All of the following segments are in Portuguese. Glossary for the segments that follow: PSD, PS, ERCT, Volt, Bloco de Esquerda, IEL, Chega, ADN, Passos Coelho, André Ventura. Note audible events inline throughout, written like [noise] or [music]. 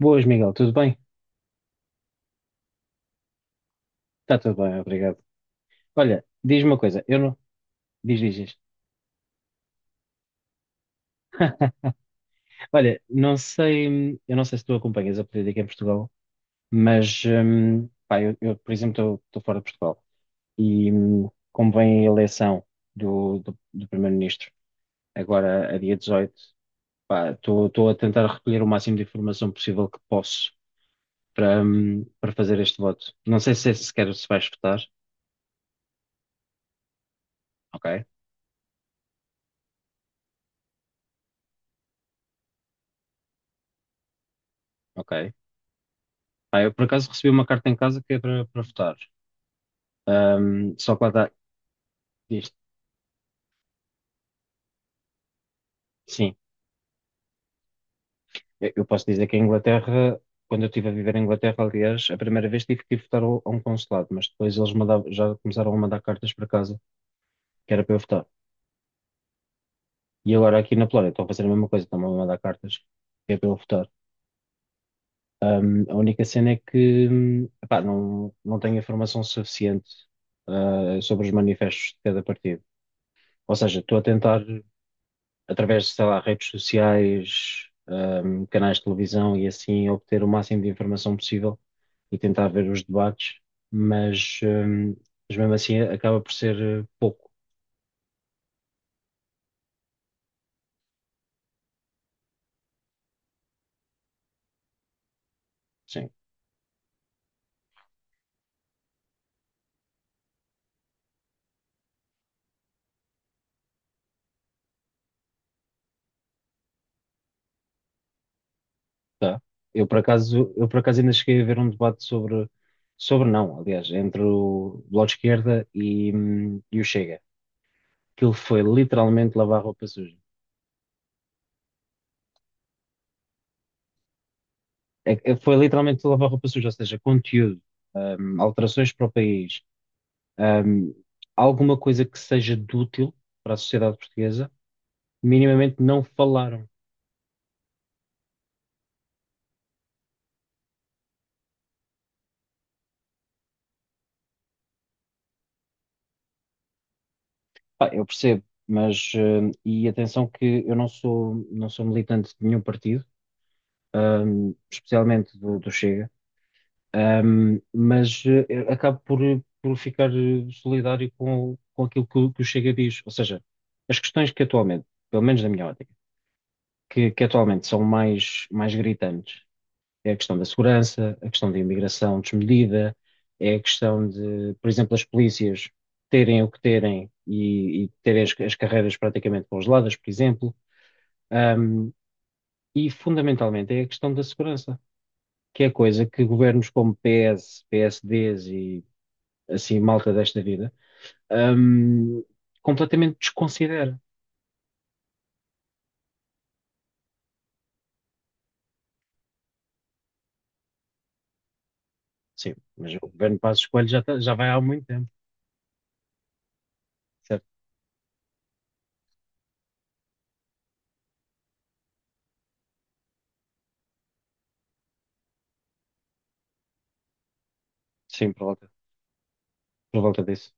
Boas, Miguel, tudo bem? Está tudo bem, obrigado. Olha, diz-me uma coisa, eu não. Diz, diz, diz. Olha, não sei, eu não sei se tu acompanhas a política em Portugal, mas, pá, eu, por exemplo, estou fora de Portugal e, como vem a eleição do primeiro-ministro, agora a dia 18, pá, estou a tentar recolher o máximo de informação possível que posso para, para fazer este voto. Não sei se é sequer se vais votar, ok, ok. Pá, eu por acaso recebi uma carta em casa que é para votar. Só para dar isto, sim, eu posso dizer que a Inglaterra, quando eu estive a viver em Inglaterra, aliás, a primeira vez tive que ir votar a um consulado, mas depois já começaram a mandar cartas para casa, que era para eu votar. E agora aqui na Polónia estão a fazer a mesma coisa, estão a mandar cartas, que é para eu votar. A única cena é que, epá, não, não tenho informação suficiente, sobre os manifestos de cada partido. Ou seja, estou a tentar através de, sei lá, redes sociais, canais de televisão e assim, obter o máximo de informação possível e tentar ver os debates, mas, ahm, mas mesmo assim acaba por ser pouco. Sim, tá. Eu por acaso ainda cheguei a ver um debate sobre não, aliás, entre o Bloco de Esquerda e o Chega. Aquilo foi literalmente lavar roupa suja. Foi literalmente lavar roupa suja, ou seja, conteúdo, alterações para o país, ahm, alguma coisa que seja de útil para a sociedade portuguesa, minimamente não falaram. Pá, eu percebo, mas, e atenção que eu não sou militante de nenhum partido, especialmente do Chega, mas eu acabo por ficar solidário com aquilo que o Chega diz. Ou seja, as questões que atualmente, pelo menos na minha ótica, que atualmente são mais gritantes é a questão da segurança, a questão da imigração desmedida, é a questão de, por exemplo, as polícias terem o que terem e terem as, as carreiras praticamente congeladas, por exemplo. Ahm, e fundamentalmente é a questão da segurança, que é coisa que governos como PS, PSDs e assim malta desta vida, ahm, completamente desconsidera. Sim, mas o governo Passos Coelho já, tá- já vai há muito tempo, certo? Sim, por volta disso.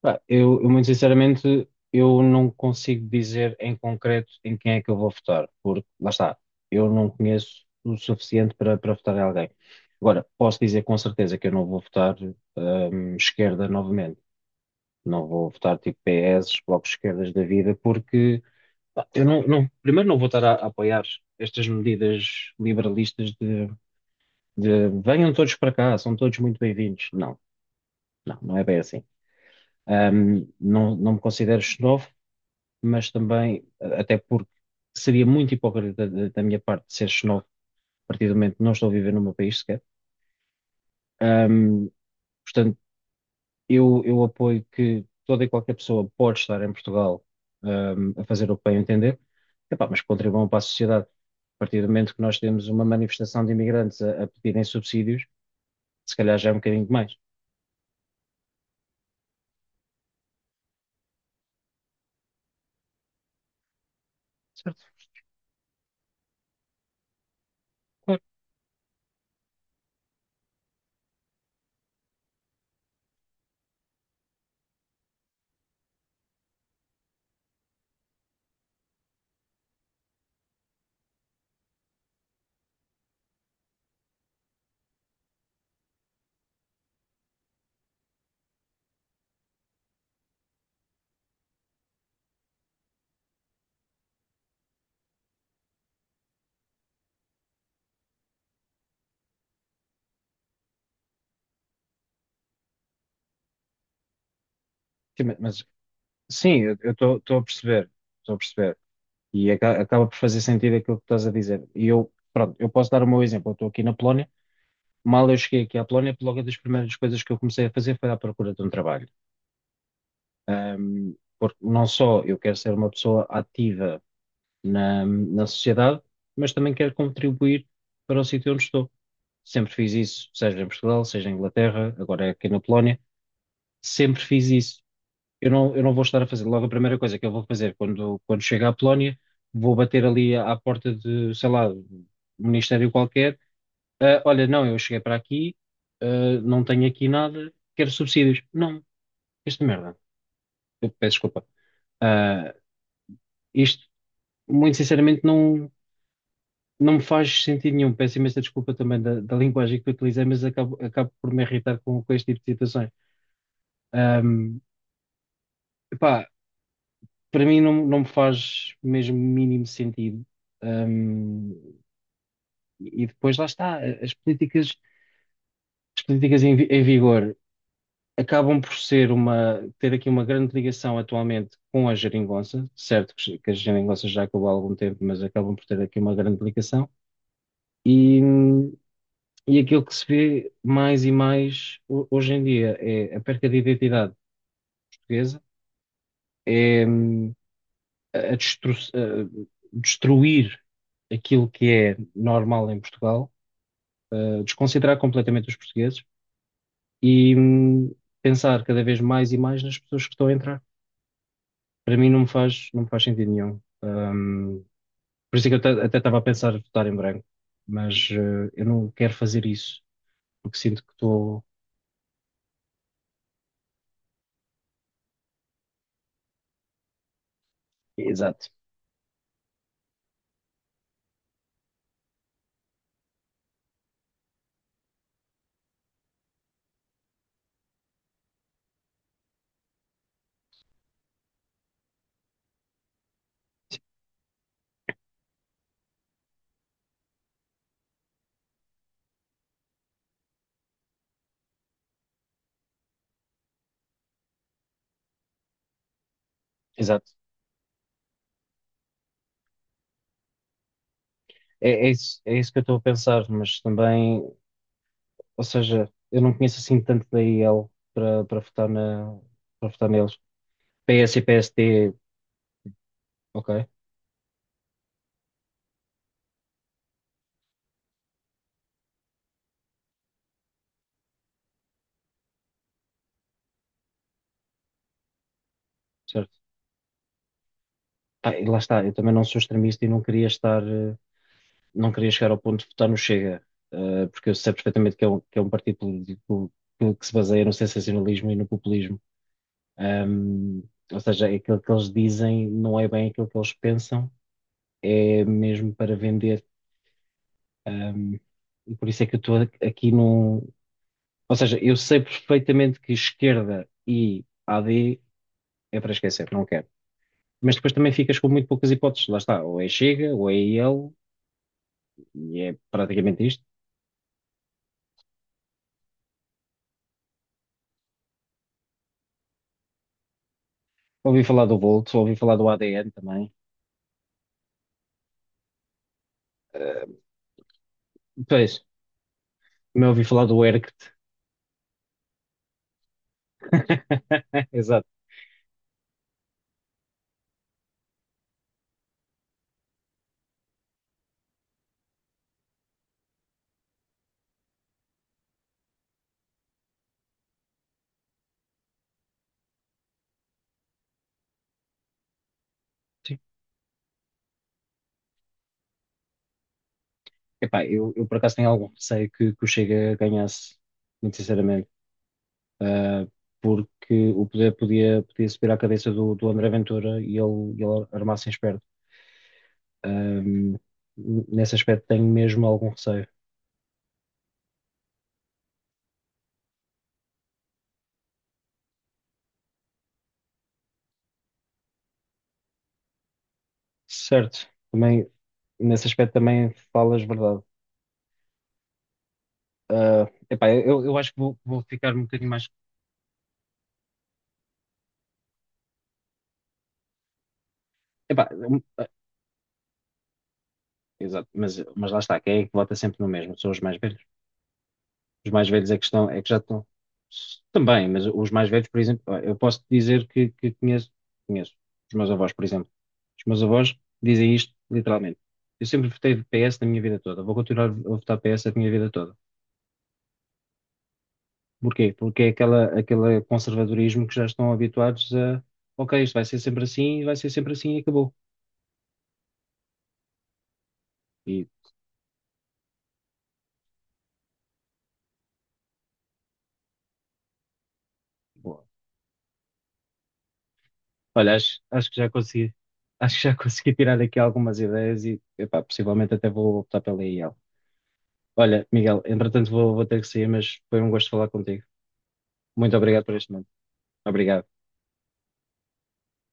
Pá, eu muito sinceramente, eu não consigo dizer em concreto em quem é que eu vou votar, porque, lá está, eu não conheço o suficiente para, para votar em alguém. Agora, posso dizer com certeza que eu não vou votar, esquerda novamente. Não vou votar tipo PS, blocos de esquerdas da vida, porque pá, eu não, não- primeiro não vou estar a apoiar estas medidas liberalistas de venham todos para cá, são todos muito bem-vindos. Não, não é bem assim. Não, não me considero xenófobo, mas também, até porque seria muito hipócrita da, da minha parte ser xenófobo, a partir do momento que não estou a viver no meu país sequer. Ahm, portanto, eu apoio que toda e qualquer pessoa pode estar em Portugal, a fazer o que bem entender. Epá, mas contribuam para a sociedade. A partir do momento que nós temos uma manifestação de imigrantes a pedirem subsídios, se calhar já é um bocadinho demais. Certo, claro. Sim. Mas sim, eu estou a perceber, estou a perceber. E acaba por fazer sentido aquilo que estás a dizer. E eu, pronto, eu posso dar o meu exemplo. Eu estou aqui na Polónia. Mal eu cheguei aqui à Polónia, logo das primeiras coisas que eu comecei a fazer foi à procura de um trabalho. Porque não só eu quero ser uma pessoa ativa na, na sociedade, mas também quero contribuir para o sítio onde estou. Sempre fiz isso, seja em Portugal, seja em Inglaterra, agora é aqui na Polónia. Sempre fiz isso. Eu não vou estar a fazer. Logo, a primeira coisa que eu vou fazer quando chegar à Polónia, vou bater ali à, à porta de, sei lá, um ministério qualquer. Ah, olha, não, eu cheguei para aqui, ah, não tenho aqui nada, quero subsídios. Não, esta merda. Eu peço desculpa. Ah, isto, muito sinceramente, não, não me faz sentido nenhum. Peço imensa desculpa também da, da linguagem que utilizei, mas acabo por me irritar com este tipo de situações. Um, para mim não, não me faz mesmo mínimo sentido. Um, e depois lá está, as políticas em vigor acabam por ser uma, ter aqui uma grande ligação atualmente com a geringonça, certo que a geringonça já acabou há algum tempo, mas acabam por ter aqui uma grande ligação, e, e aquilo que se vê mais e mais hoje em dia é a perca de identidade portuguesa, é, a destruir aquilo que é normal em Portugal, a desconsiderar completamente os portugueses e pensar cada vez mais e mais nas pessoas que estão a entrar. Para mim não me faz sentido nenhum. Por isso é que eu até estava a pensar em votar em branco, mas eu não quero fazer isso, porque sinto que estou. Exato, exato. É, é isso que eu estou a pensar, mas também, ou seja, eu não conheço assim tanto da IEL para, para votar na, para votar neles. PS e PST, ok, certo. Pá, e lá está, eu também não sou extremista e não queria estar, não queria chegar ao ponto de votar no Chega, porque eu sei perfeitamente que é um partido político que se baseia no sensacionalismo e no populismo. Ahm, ou seja, é aquilo que eles dizem não é bem aquilo que eles pensam, é mesmo para vender. Ahm, e por isso é que eu estou aqui num. Ou seja, eu sei perfeitamente que esquerda e AD é para esquecer, não quero. Mas depois também ficas com muito poucas hipóteses. Lá está, ou é Chega, ou é ele, e é praticamente isto. Ouvi falar do Volt, ouvi falar do ADN também. Pois, também ouvi falar do ERCT. [laughs] Exato. Sim. Epá, eu por acaso tenho algum receio que o Chega ganhasse, muito sinceramente. Ah, porque o poder podia subir à cabeça do André Ventura e ele armasse em esperto. Ahm, nesse aspecto tenho mesmo algum receio. Certo, também, nesse aspecto também falas verdade. Ah, epá, eu acho que vou ficar um bocadinho mais. Epá, exato, mas lá está, quem é que vota sempre no mesmo? São os mais velhos. Os mais velhos é que estão, é que já estão. Também, mas os mais velhos, por exemplo, eu posso dizer que conheço, conheço os meus avós, por exemplo. Os meus avós dizem isto literalmente. Eu sempre votei PS na minha vida toda, vou continuar a votar PS a minha vida toda. Porquê? Porque é aquela, aquele conservadorismo que já estão habituados a, ok, isto vai ser sempre assim, vai ser sempre assim e acabou. E bom, olha, acho que já consegui, acho que já [laughs] consegui tirar aqui algumas ideias e, epá, possivelmente até vou optar pela IEL. Olha, Miguel, entretanto vou ter que sair, mas foi um gosto falar contigo. Muito obrigado por este momento. Obrigado.